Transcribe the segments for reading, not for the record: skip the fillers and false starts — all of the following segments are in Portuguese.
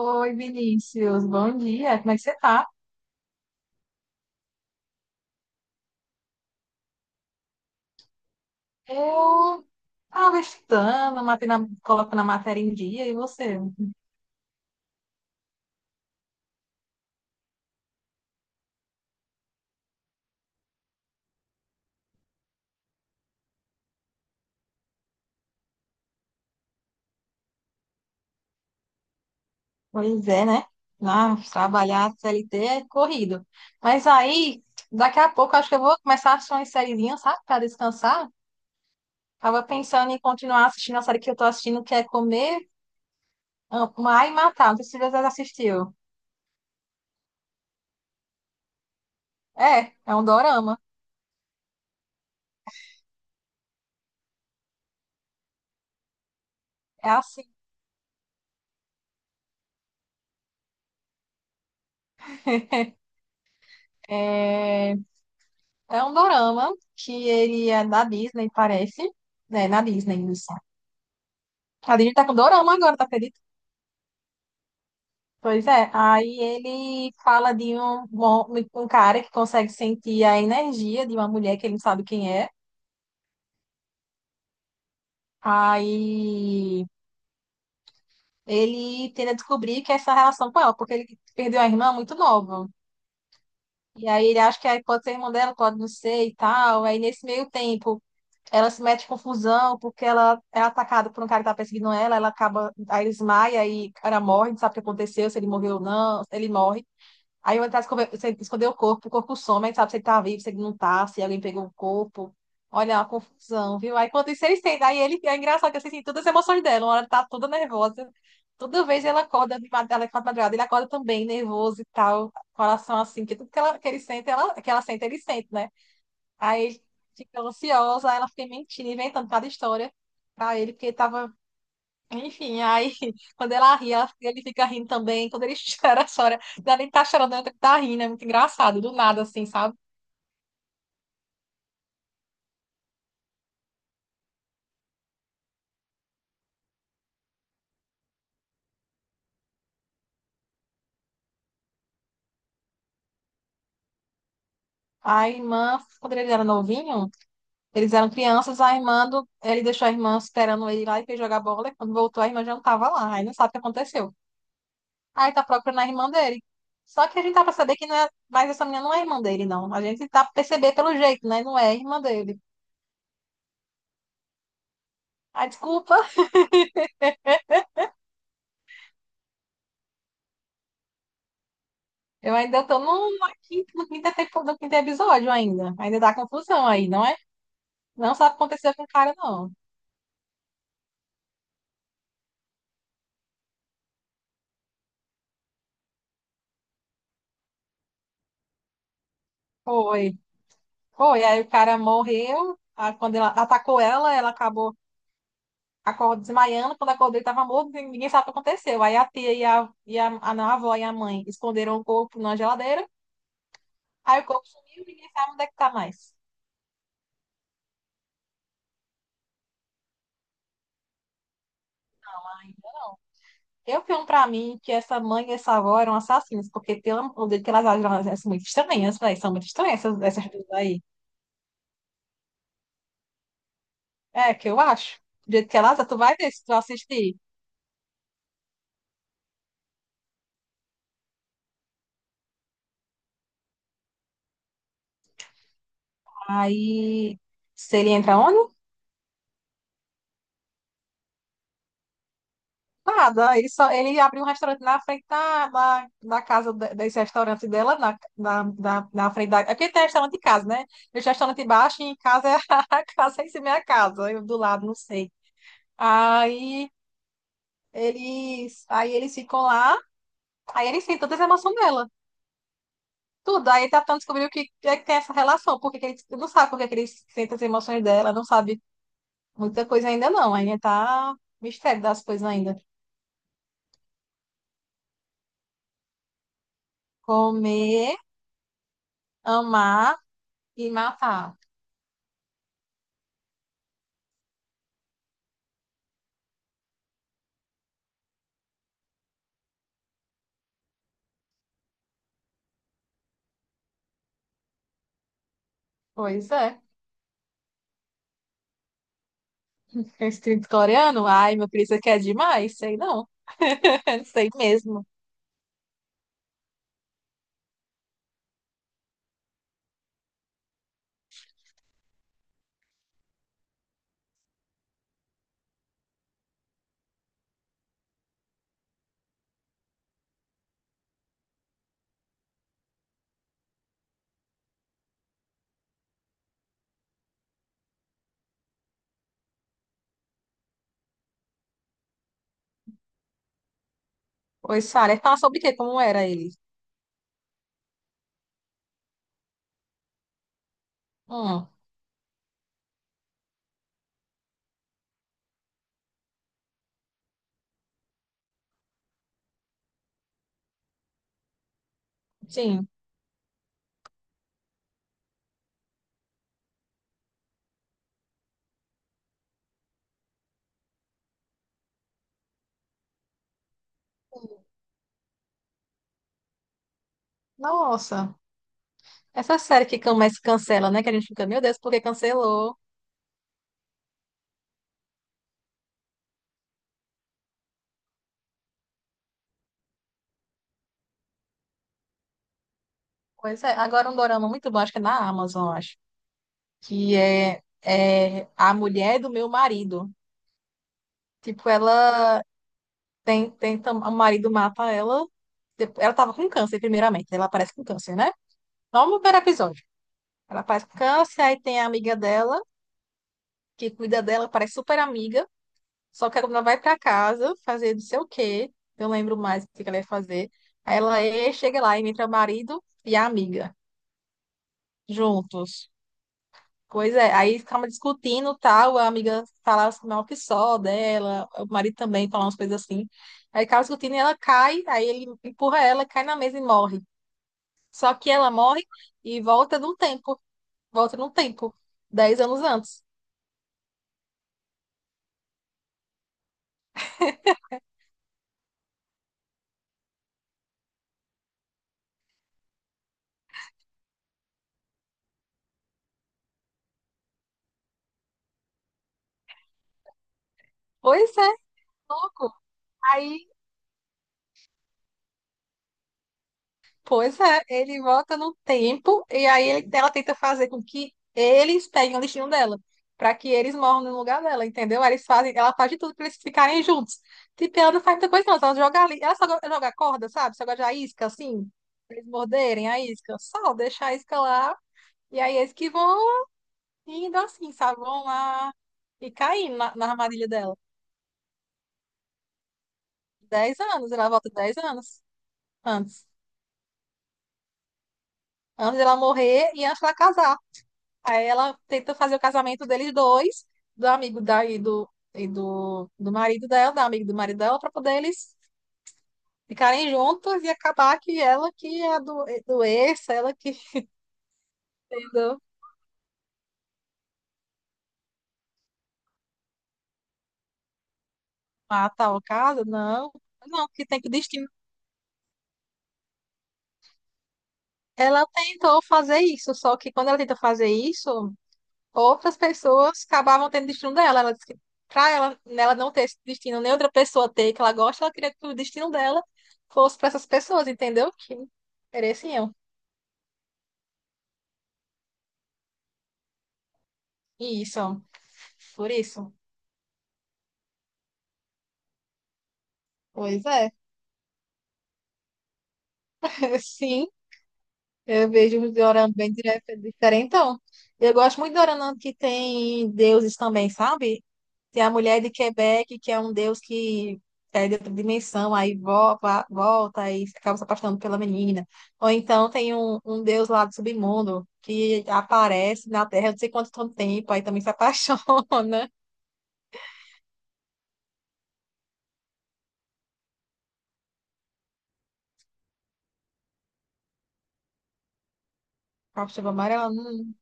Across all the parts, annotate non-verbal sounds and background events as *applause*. Oi, Vinícius, bom dia, como é que você tá? Eu tava estudando, coloco na matéria em dia, e você? Pois é, né? Ah, trabalhar CLT é corrido. Mas aí, daqui a pouco, acho que eu vou começar a assistir uma sériezinha, sabe, pra descansar. Tava pensando em continuar assistindo a série que eu tô assistindo, que é Comer, Amar e Matar. Não sei se você já assistiu. É, é um dorama. É assim. é, É um dorama que ele é da Disney, parece. É, na Disney, isso. A Disney tá com dorama agora, tá, acredita? Pois é. Aí ele fala de um cara que consegue sentir a energia de uma mulher que ele não sabe quem é. Aí ele tenta descobrir que é essa relação com ela, porque ele perdeu a irmã muito nova. E aí ele acha que aí pode ser irmã dela, pode não ser e tal. Aí nesse meio tempo, ela se mete em confusão porque ela é atacada por um cara que tá perseguindo ela, ela acaba, aí ele desmaia e o cara morre, não sabe o que aconteceu, se ele morreu ou não, ele morre. Aí ele tá esconder, esconder o corpo some, aí não sabe se ele tá vivo, se ele não tá, se alguém pegou o corpo. Olha, é uma confusão, viu? Aí enquanto isso eles têm, aí ele, é engraçado que assim, tem todas as emoções dela, uma hora ela tá toda nervosa, toda vez ela acorda, ela acorda de madrugada, ele acorda também, nervoso e tal, coração assim, que tudo que ele sente, que ela sente, ele sente, né? Aí ele ficou ansiosa, aí ela fica mentindo, inventando cada história pra ele, porque tava. Enfim, aí *laughs* quando ela ri, ele fica rindo também. Quando ele *laughs* chora, chora. Não é nem tá chorando, ele tá rindo. É muito engraçado, do nada, assim, sabe? A irmã, quando eles eram novinhos, eles eram crianças, ele deixou a irmã esperando ele lá e foi jogar bola. E quando voltou, a irmã já não tava lá. Aí não sabe o que aconteceu. Aí tá procurando a irmã dele. Só que a gente tá pra saber que não é. Mas essa menina não é irmã dele, não. A gente tá pra perceber pelo jeito, né? Não é irmã dele. Ah, desculpa, eu ainda tô no quinto episódio ainda. Ainda dá confusão aí, não é? Não sabe o que aconteceu com o cara, não. Foi. Foi. Aí o cara morreu. Aí quando ela atacou ela, ela acabou acordando, desmaiando. Quando acordou, ele tava morto, e ninguém sabe o que aconteceu. Aí a tia e a, não, a avó e a mãe esconderam o corpo na geladeira. Aí o corpo sumiu, ninguém sabe onde é que tá mais. Eu filmo pra mim que essa mãe e essa avó eram assassinas, porque pelo amor de Deus, que elas agem assim, muito estranhas, véi, são muito estranhas essas duas aí. É, que eu acho. Do jeito que ela tá, tu vai ver se tu assistir. Aí, se ele entra onde? Nada. Ele, só, ele abriu um restaurante na frente da casa desse restaurante dela, na frente da. É porque tem restaurante em casa, né? Esse restaurante embaixo e em casa é *laughs* a casa em cima é a casa. Eu do lado, não sei. Aí aí eles ficam lá, aí eles sentem todas as emoções dela. Tudo. Aí ele tá tentando descobrir o que é que tem essa relação, porque que ele não sabe por que que ele sente as emoções dela, não sabe. Muita coisa ainda não, ainda tá mistério das coisas ainda. Comer, amar e matar. Pois é. Instinto coreano? Ai, meu filho, isso aqui é demais. Sei não. *laughs* Sei mesmo. Pois, Sara, fala sobre o quê? Como era ele? Hum, sim. Nossa. Essa série que começa cancela, né? Que a gente fica, meu Deus, por que cancelou? Pois é. Agora um dorama muito bom, acho que é na Amazon, acho. É A Mulher do Meu Marido. Tipo, ela o marido mata ela. Ela tava com câncer, primeiramente. Ela aparece com câncer, né? Não no primeiro episódio. Ela aparece com câncer, aí tem a amiga dela, que cuida dela, parece super amiga. Só que quando ela vai pra casa fazer não sei o quê, eu lembro mais o que que ela ia fazer. Chega lá e entra o marido e a amiga, juntos. Pois é, aí ficava discutindo tal, a amiga falava mal que só dela, o marido também falava umas coisas assim. Aí acaba discutindo e ela cai, aí ele empurra ela, cai na mesa e morre. Só que ela morre e volta no tempo. Volta no tempo. Dez anos antes. Pois é, louco. Aí, pois é, ele volta no tempo e ela tenta fazer com que eles peguem o destino dela. Pra que eles morram no lugar dela, entendeu? Aí eles fazem, ela faz de tudo pra eles ficarem juntos. Tipo, ela não faz muita coisa, não. Ela joga ali. Ela joga corda, sabe? Só joga a isca, assim. Pra eles morderem a isca. Só deixa a isca lá. E aí eles que vão indo assim, sabe? Vão lá e caindo na armadilha dela. 10 anos, ela volta 10 anos antes. Antes dela morrer e antes dela casar. Aí ela tenta fazer o casamento deles dois, do amigo da, e do, do marido dela, da amiga do marido dela, para poder eles ficarem juntos e acabar que ela que é doença, ela que entendeu, mata o caso. Não, não, que tem que destino. Ela tentou fazer isso, só que quando ela tenta fazer isso, outras pessoas acabavam tendo o destino dela. Ela disse que pra ela, ela não ter esse destino, nem outra pessoa ter que ela gosta, ela queria que o destino dela fosse para essas pessoas, entendeu? Que mereciam. E isso, por isso. Pois é, *laughs* sim, eu vejo um dorama bem diferentão. Eu gosto muito de dorama que tem deuses também, sabe? Tem a mulher de Quebec, que é um deus que é de outra dimensão, aí volta, aí acaba se apaixonando pela menina. Ou então tem um deus lá do submundo que aparece na Terra, não sei quanto tanto tempo, aí também se apaixona. *laughs* Captiva amarela. Hum.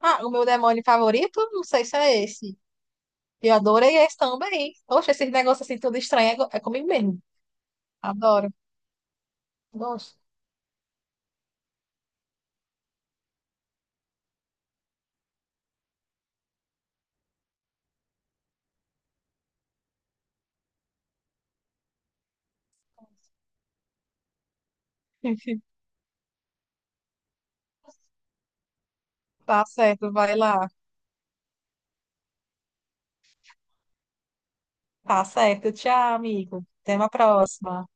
Ah, o meu demônio favorito? Não sei se é esse. Eu adorei esse também. Poxa, esses negócios assim tudo estranho é, é comigo mesmo. Adoro. Gosto. *laughs* Tá certo, vai lá. Tá certo. Tchau, amigo. Até uma próxima.